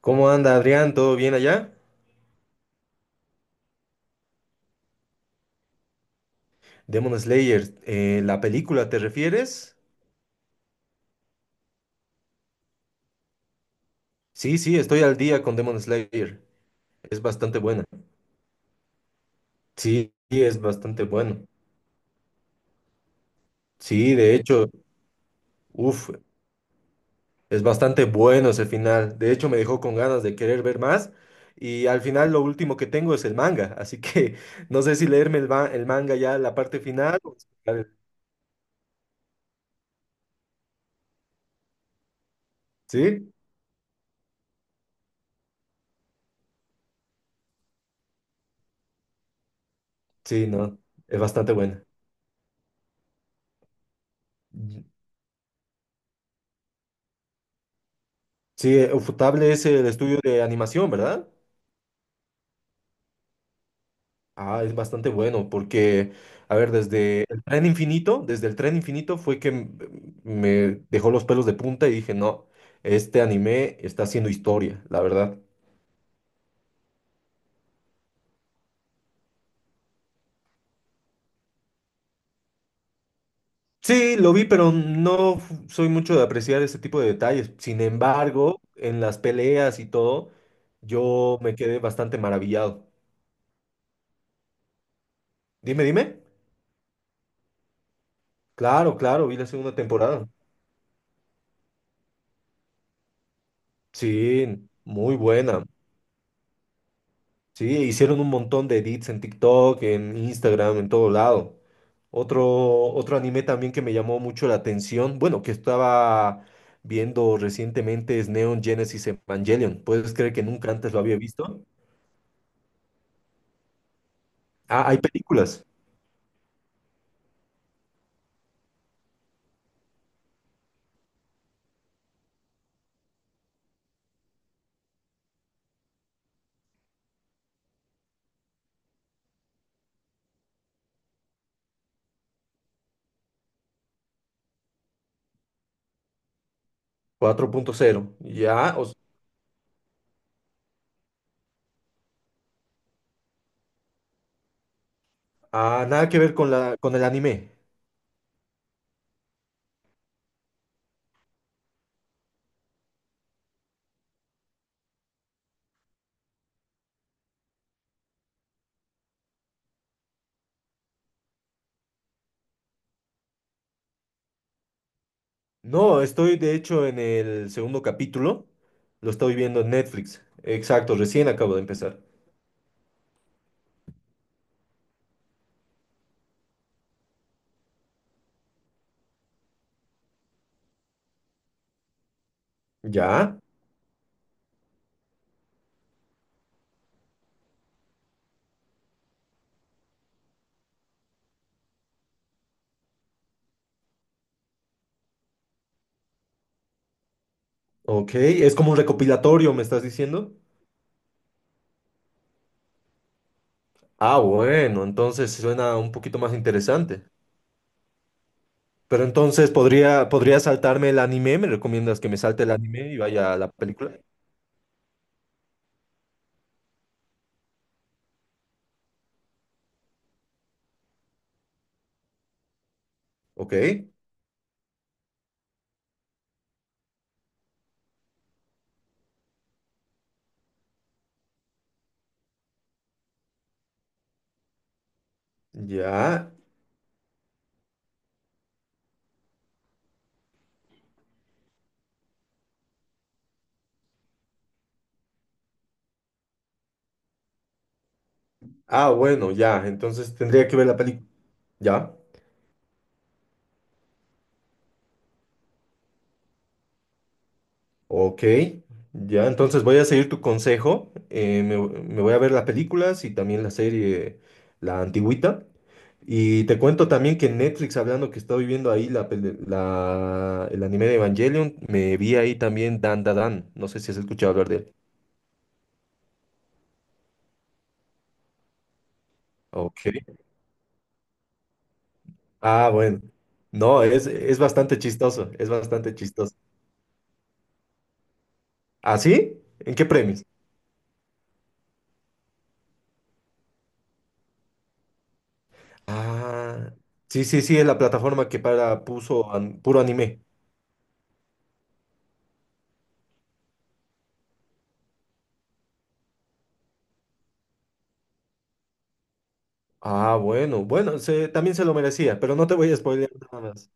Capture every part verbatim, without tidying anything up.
¿Cómo anda Adrián? ¿Todo bien allá? Demon Slayer, eh, ¿la película te refieres? Sí, sí, estoy al día con Demon Slayer. Es bastante buena. Sí, sí, es bastante bueno. Sí, de hecho, uff, es bastante bueno ese final. De hecho, me dejó con ganas de querer ver más. Y al final lo último que tengo es el manga. Así que no sé si leerme el, ma- el manga ya la parte final, o esperar el- Sí, sí, no. Es bastante buena. Sí, Ufotable es el estudio de animación, ¿verdad? Ah, es bastante bueno porque, a ver, desde el tren infinito, desde el tren infinito fue que m- me dejó los pelos de punta y dije, no, este anime está haciendo historia, la verdad. Sí, lo vi, pero no f- soy mucho de apreciar ese tipo de detalles. Sin embargo, en las peleas y todo, yo me quedé bastante maravillado. Dime, dime. Claro, claro, vi la segunda temporada. Sí, muy buena. Sí, hicieron un montón de edits en TikTok, en Instagram, en todo lado. Otro, otro anime también que me llamó mucho la atención, bueno, que estaba viendo recientemente es Neon Genesis Evangelion. ¿Puedes creer que nunca antes lo había visto? Ah, hay películas. cuatro punto cero. Ya, o s- ah, nada que ver con la, con el anime. No, estoy de hecho en el segundo capítulo. Lo estoy viendo en Netflix. Exacto, recién acabo de empezar. Ya. Ok, es como un recopilatorio, ¿me estás diciendo? Ah, bueno, entonces suena un poquito más interesante. Pero entonces podría, podría saltarme el anime, ¿me recomiendas que me salte el anime y vaya a la película? Ok, ya. Ah, bueno, ya, entonces tendría que ver la película. Ya. Ok, ya, entonces voy a seguir tu consejo. eh, me, me voy a ver las películas y también la serie, la antigüita. Y te cuento también que en Netflix, hablando que estoy viendo ahí la, peli- la- el anime de Evangelion, me vi ahí también Dan Da Dan. No sé si has escuchado hablar de él. Ok. Ah, bueno. No, es, es bastante chistoso, es bastante chistoso. ¿Ah, sí? ¿En qué premios? Ah, sí, sí, sí, es la plataforma que para puso an- puro anime. Ah, bueno, bueno, se, también se lo merecía, pero no te voy a spoilear nada más.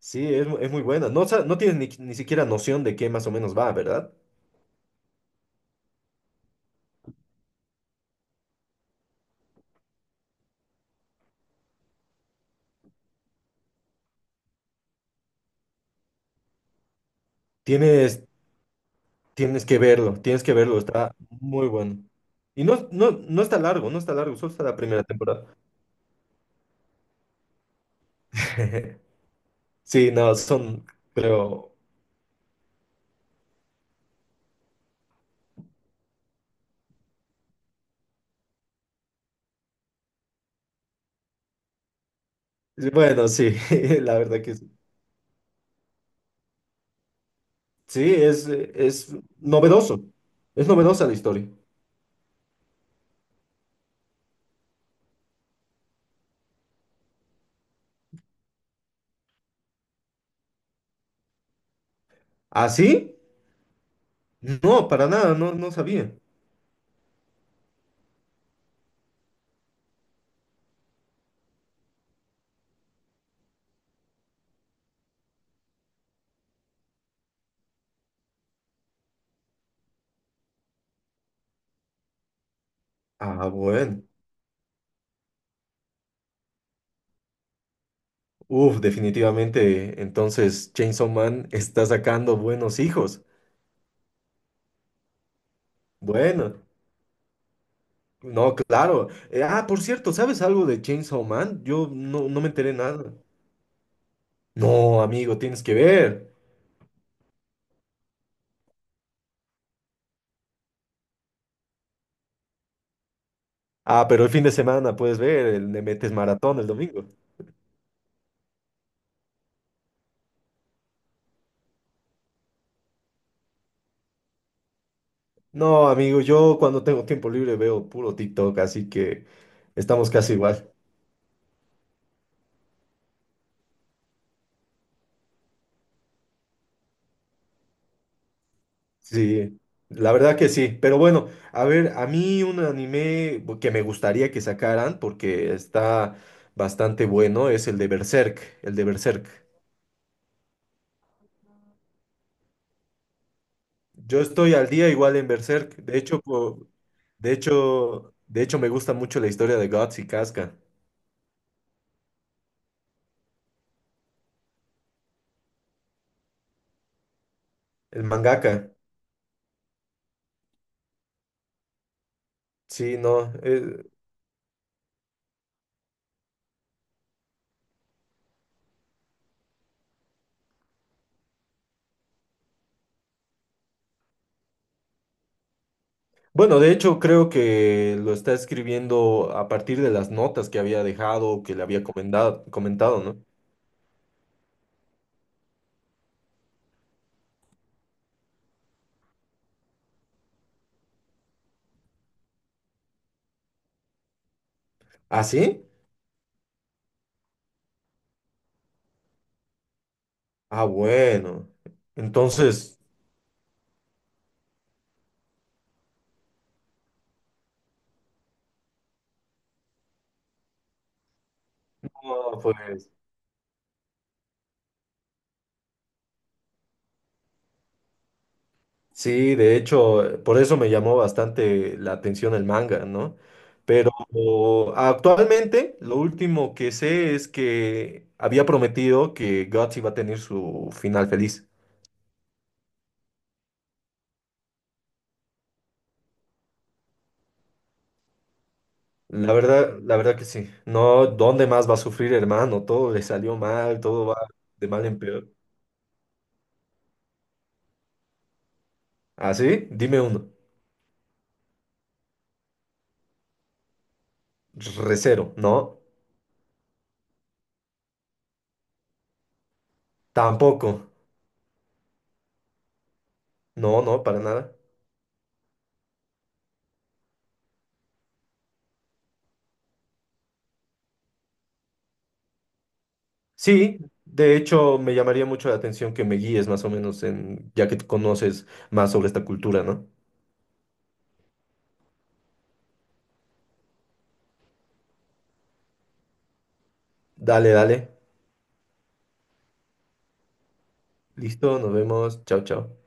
Sí, es, mu- es muy buena. No, sa- no tienes ni, ni siquiera noción de qué más o menos va, ¿verdad? Tienes, tienes que verlo, tienes que verlo, está muy bueno. Y no, no, no está largo, no está largo, solo está la primera temporada. Sí, no, son, creo, bueno, sí, la verdad que sí. Sí, es, es novedoso, es novedosa la historia. ¿Ah, sí? No, para nada, no, no sabía. Ah, bueno. Uf, definitivamente. Entonces, Chainsaw Man está sacando buenos hijos. Bueno, no, claro. Eh, ah, por cierto, ¿sabes algo de Chainsaw Man? Yo no, no me enteré nada. No, amigo, tienes que ver. Ah, pero el fin de semana puedes ver, el- le metes maratón el domingo. No, amigo, yo cuando tengo tiempo libre veo puro TikTok, así que estamos casi igual. Sí, la verdad que sí, pero bueno, a ver, a mí un anime que me gustaría que sacaran porque está bastante bueno es el de Berserk, el de Berserk. Yo estoy al día igual en Berserk, de hecho, po- de hecho, de hecho me gusta mucho la historia de Guts y Casca, el mangaka. Sí, no, eh, bueno, de hecho creo que lo está escribiendo a partir de las notas que había dejado, que le había comendado- comentado, ¿no? ¿Ah, sí? Ah, bueno. Entonces, no, pues sí, de hecho, eh, por eso me llamó bastante la atención el manga, ¿no? Pero actualmente lo último que sé es que había prometido que Guts iba a tener su final feliz. La verdad, la verdad que sí. No, ¿dónde más va a sufrir, hermano? Todo le salió mal, todo va de mal en peor. ¿Ah, sí? Dime uno. Recero, ¿no? Tampoco. No, no, para nada. Sí, de hecho me llamaría mucho la atención que me guíes más o menos en, ya que tú conoces más sobre esta cultura, ¿no? Dale, dale. Listo, nos vemos. Chao, chao.